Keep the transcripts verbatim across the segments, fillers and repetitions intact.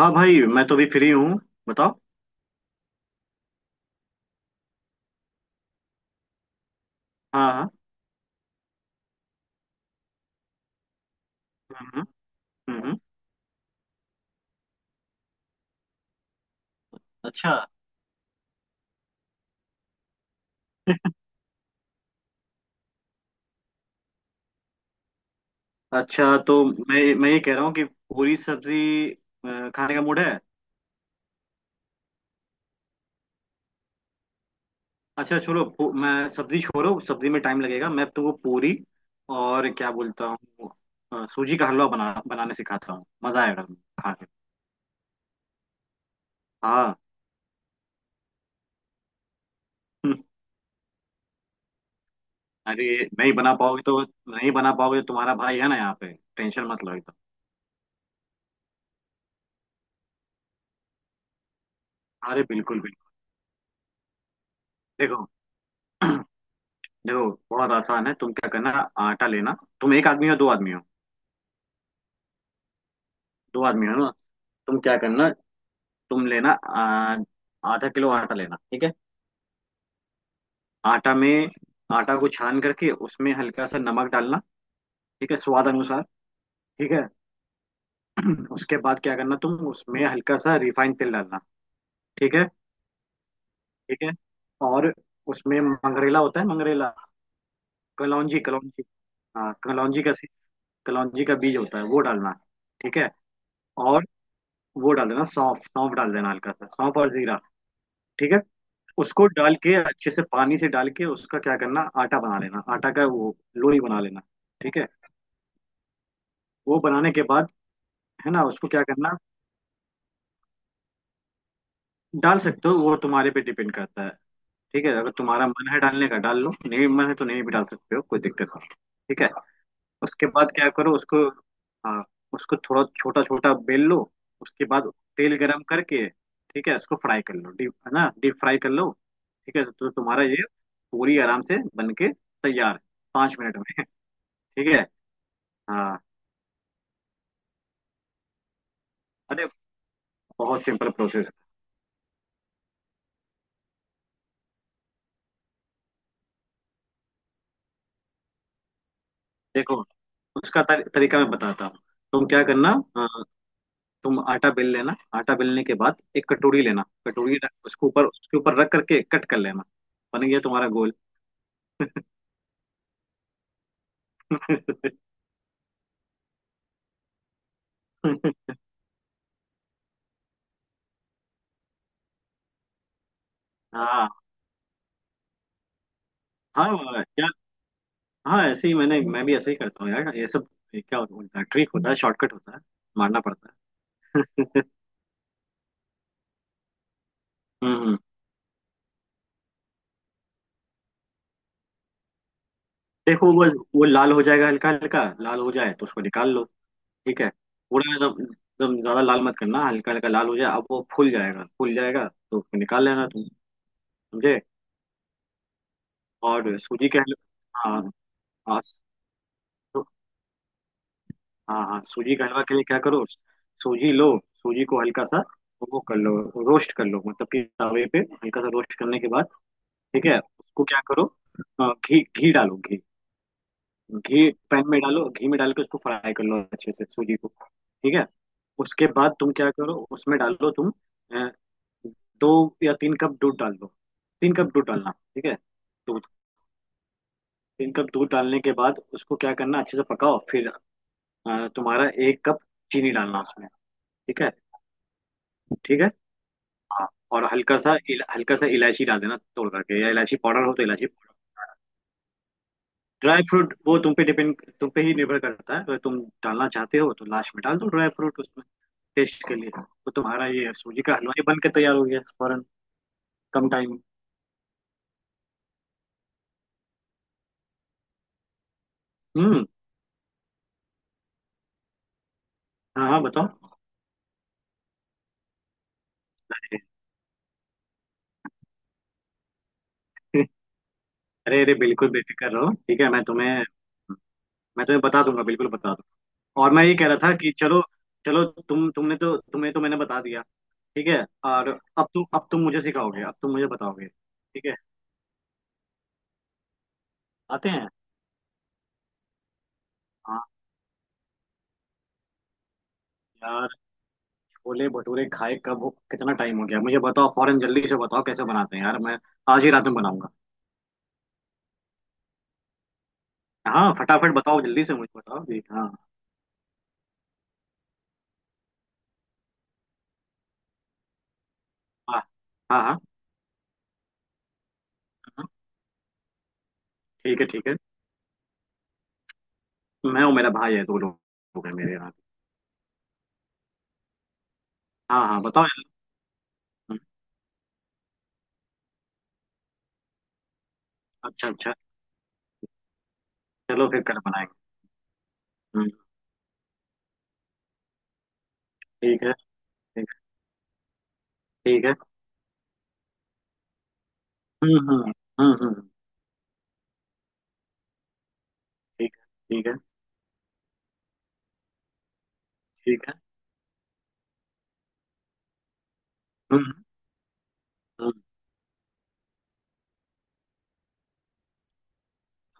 हाँ भाई मैं तो भी फ्री हूँ। बताओ। हाँ हाँ। हम्म हम्म। हम्म। अच्छा अच्छा। तो मैं मैं ये कह रहा हूँ कि पूरी सब्जी अ, खाने का मूड है। अच्छा छोड़ो, पू- मैं सब्जी छोड़ो, सब्जी में टाइम लगेगा, मैं तुमको पूरी और क्या बोलता हूँ, अ, सूजी का हलवा बना बनाने सिखाता हूँ, मजा आएगा तुमको खा के। हाँ। हम्म। अरे नहीं बना पाओगे तो नहीं बना पाओगे तो तुम्हारा भाई है ना यहाँ पे। टेंशन मत लो एकदम। अरे बिल्कुल बिल्कुल। देखो, देखो बहुत आसान है, तुम क्या करना, आटा लेना। तुम एक आदमी हो दो आदमी हो? दो आदमी हो ना। तुम क्या करना, तुम लेना आ, आधा किलो आटा लेना, ठीक है। आटा में, आटा को छान करके उसमें हल्का सा नमक डालना, ठीक है, स्वाद अनुसार। ठीक है। उसके बाद क्या करना, तुम उसमें हल्का सा रिफाइंड तेल डालना। ठीक है। ठीक है। और उसमें मंगरेला होता है, मंगरेला, कलौंजी कलौंजी। हाँ, कलौंजी का सी- कलौंजी का बीज होता है, वो डालना। ठीक है। और वो डाल देना, सौंफ, सौंफ डाल देना हल्का सा, सौंफ और जीरा। ठीक है। उसको डाल के अच्छे से पानी से डाल के उसका क्या करना, आटा बना लेना, आटा का वो लोई बना लेना। ठीक है। वो बनाने के बाद है ना, उसको क्या करना। डाल सकते हो, वो तुम्हारे पे डिपेंड करता है। ठीक है, अगर तुम्हारा मन है डालने का डाल लो, नहीं मन है तो नहीं भी डाल सकते हो, कोई दिक्कत नहीं। ठीक है। उसके बाद क्या करो उसको। हाँ। उसको थोड़ा छोटा छोटा बेल लो। उसके बाद तेल गरम करके, ठीक है, उसको फ्राई कर लो, डीप है ना, डीप फ्राई कर लो। ठीक है, तो तुम्हारा ये पूरी आराम से बन के तैयार है पाँच मिनट में। ठीक है। हाँ। अरे, बहुत सिंपल प्रोसेस। देखो उसका तर, तरीका मैं बताता हूँ। तुम क्या करना, अ, तुम आटा बेल लेना, आटा बेलने के बाद एक कटोरी लेना, कटोरी रख- उसके ऊपर, उसके ऊपर रख करके कट कर लेना। बन गया तुम्हारा गोल। हाँ हाँ यार। हाँ ऐसे ही मैंने मैं भी ऐसे ही करता हूँ यार ये सब। क्या होता है, ट्रिक होता है, शॉर्टकट होता है, मारना पड़ता है। हम्म हम्म। देखो वो वो लाल हो जाएगा, हल्का हल्का लाल हो जाए तो उसको निकाल लो। ठीक है, पूरा एकदम, एकदम ज्यादा लाल मत करना, हल्का हल्का लाल हो जाए, अब वो फूल जाएगा, फूल जाएगा तो उसको निकाल लेना तुम। समझे। और सूजी के हलवा। हाँ हाँ। सू- हाँ हाँ, सूजी के हलवा के लिए क्या करो, सूजी लो, सूजी को हल्का सा वो कर लो, रोस्ट कर लो, मतलब कि तवे पे हल्का सा रोस्ट करने के बाद, ठीक है, उसको क्या करो, अ, घी, घी डालो, घी, घी पैन में डालो, घी में डाल के उसको फ्राई कर लो अच्छे से सूजी को। ठीक है। उसके बाद तुम क्या करो, उसमें डालो तुम दो या तीन कप दूध डाल दो, तीन कप दूध डालना, ठीक है, दूध, तीन कप दूध डालने के बाद उसको क्या करना, अच्छे से पकाओ फिर, अ, तुम्हारा एक कप चीनी डालना उसमें, ठीक है। ठीक है। हाँ। और हल्का सा इल- हल्का सा इलायची डाल देना तोड़ करके, या इलायची पाउडर हो तो इलायची पाउडर। ड्राई फ्रूट वो तुम पे डिपेंड, तुम पे ही निर्भर करता है, अगर तुम डालना चाहते हो तो लास्ट में डाल दो ड्राई फ्रूट उसमें टेस्ट के लिए। तो तुम्हारा ये सूजी का हलवा ही बन के तैयार हो गया फौरन, कम टाइम में। हम्म। हाँ हाँ बताओ। अरे अरे, बिल्कुल बेफिक्र रहो, ठीक है, मैं तुम्हें मैं तुम्हें बता दूंगा, बिल्कुल बता दूंगा। और मैं ये कह रहा था कि चलो, चलो तुम तुमने तो, तुम्हें तो मैंने बता दिया, ठीक है। और अब तुम अब तुम मुझे सिखाओगे, अब तुम मुझे बताओगे, ठीक है। आते हैं। हाँ यार, छोले भटूरे खाए कब हो- कितना टाइम हो गया, मुझे बताओ, फौरन, जल्दी से बताओ कैसे बनाते हैं, यार मैं आज ही रात में बनाऊंगा। हाँ फटाफट बताओ, जल्दी से मुझे बताओ जी। हाँ हाँ। हाँ हाँ हाँ। ठीक है ठीक है, मैं और मेरा भाई है, दो लोग, लोग हैं मेरे यहाँ। हाँ हाँ, बताओ। हम्म। अच्छा अच्छा। चलो फिर कल बनाएंगे। हम्म। ठीक है। ठीक है। ठीक है। हम्म हम्म। हम्म हम्म। ठीक है। ठीक है। ठीक है। हम्म हम्म। हम्म।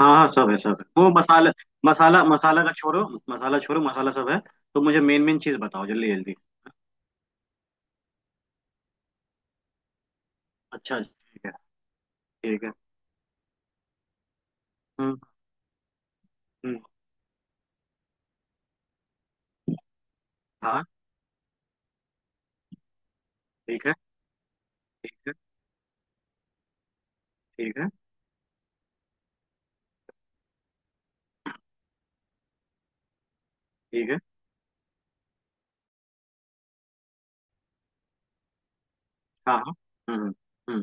हाँ हाँ सब है, सब है। वो मसाला, मसाला मसाला का छोड़ो, मसाला छोड़ो, मसाला सब है, तो मुझे मेन मेन चीज बताओ जल्दी जल्दी। अच्छा ठीक है। ठीक है। हम्म हम्म। हाँ ठीक है। ठीक है। ठीक है। ठीक है। हाँ हाँ। हम्म हम्म। हम्म।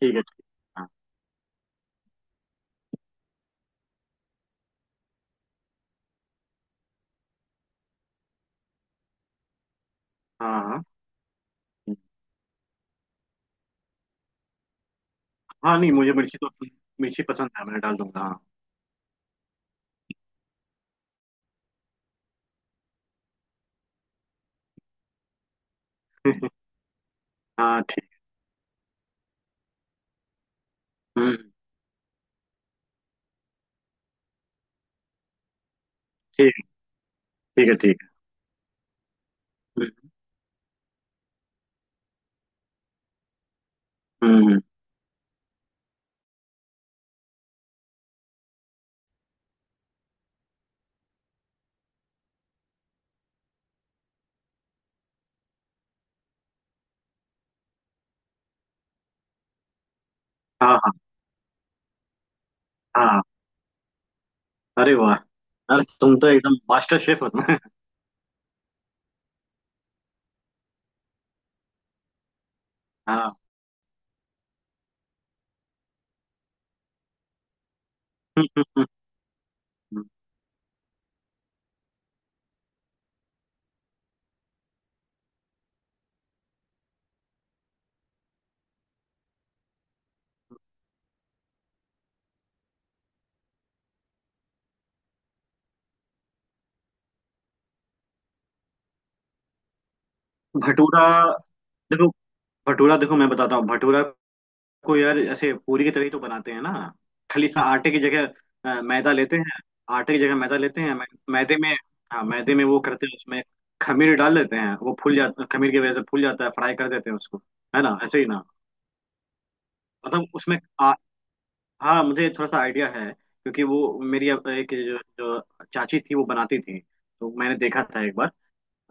ठीक है। ठीक है। हाँ हाँ हाँ। हम्म। हाँ, नहीं मुझे मिर्ची तो, मिर्ची पसंद है, मैं डाल दूंगा, हाँ। हाँ ठीक। हम्म। ठीक है। ठीक है। ठीक है। हम्म हम्म। हम्म। हाँ हाँ हाँ। अरे वाह। अरे तुम तो एकदम मास्टर शेफ हो तुम। हाँ। भटूरा, देखो भटूरा, देखो मैं बताता हूँ भटूरा को, यार ऐसे पूरी की तरह ही तो बनाते हैं ना, खाली सा आटे की जगह, अ, मैदा लेते हैं, आटे की जगह मैदा लेते हैं, मै, मैदे में। हाँ मैदे में वो करते हैं, उसमें खमीर डाल देते हैं, वो फूल जाता, खमीर की वजह से फूल जाता है, फ्राई कर देते हैं उसको, है ना, ऐसे ही ना। मतलब उसमें आ, हाँ मुझे थोड़ा सा आइडिया है। क्योंकि वो मेरी अब एक जो, जो चाची थी वो बनाती थी, तो मैंने देखा था एक बार।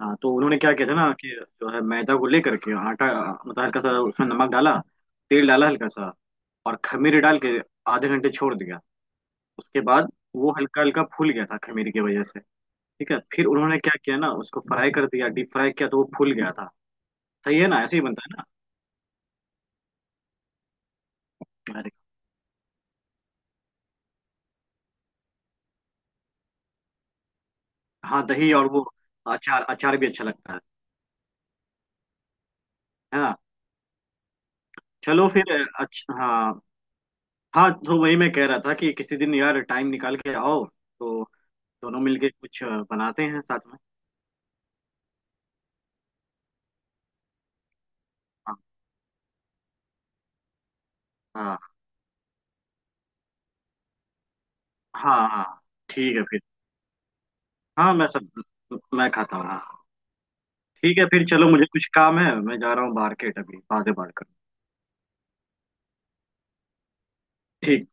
हाँ, तो उन्होंने क्या किया था ना कि जो है, मैदा को लेकर के आटा, मतलब हल्का सा उसमें नमक डाला, तेल डाला हल्का सा, और खमीर डाल के आधे घंटे छोड़ दिया। उसके बाद वो हल्का हल्का फूल गया था खमीर की वजह से, ठीक है। फिर उन्होंने क्या किया ना, उसको फ्राई कर दिया, डीप फ्राई किया, तो वो फूल गया था। सही है ना, ऐसे ही बनता है ना। अरे, हाँ दही और वो अचार, अचार भी अच्छा लगता है है ना। चलो फिर, अच्छा हाँ। हाँ, तो वही मैं कह रहा था कि किसी दिन यार टाइम निकाल के आओ तो दोनों मिलके कुछ बनाते हैं साथ में। हाँ हाँ। हाँ। हाँ ठीक है फिर, हाँ मैं सब, मैं खाता हूँ, हाँ। ठीक है, फिर चलो मुझे कुछ काम है, मैं जा रहा हूँ मार्केट अभी, बाद में बात करूँ। ठीक।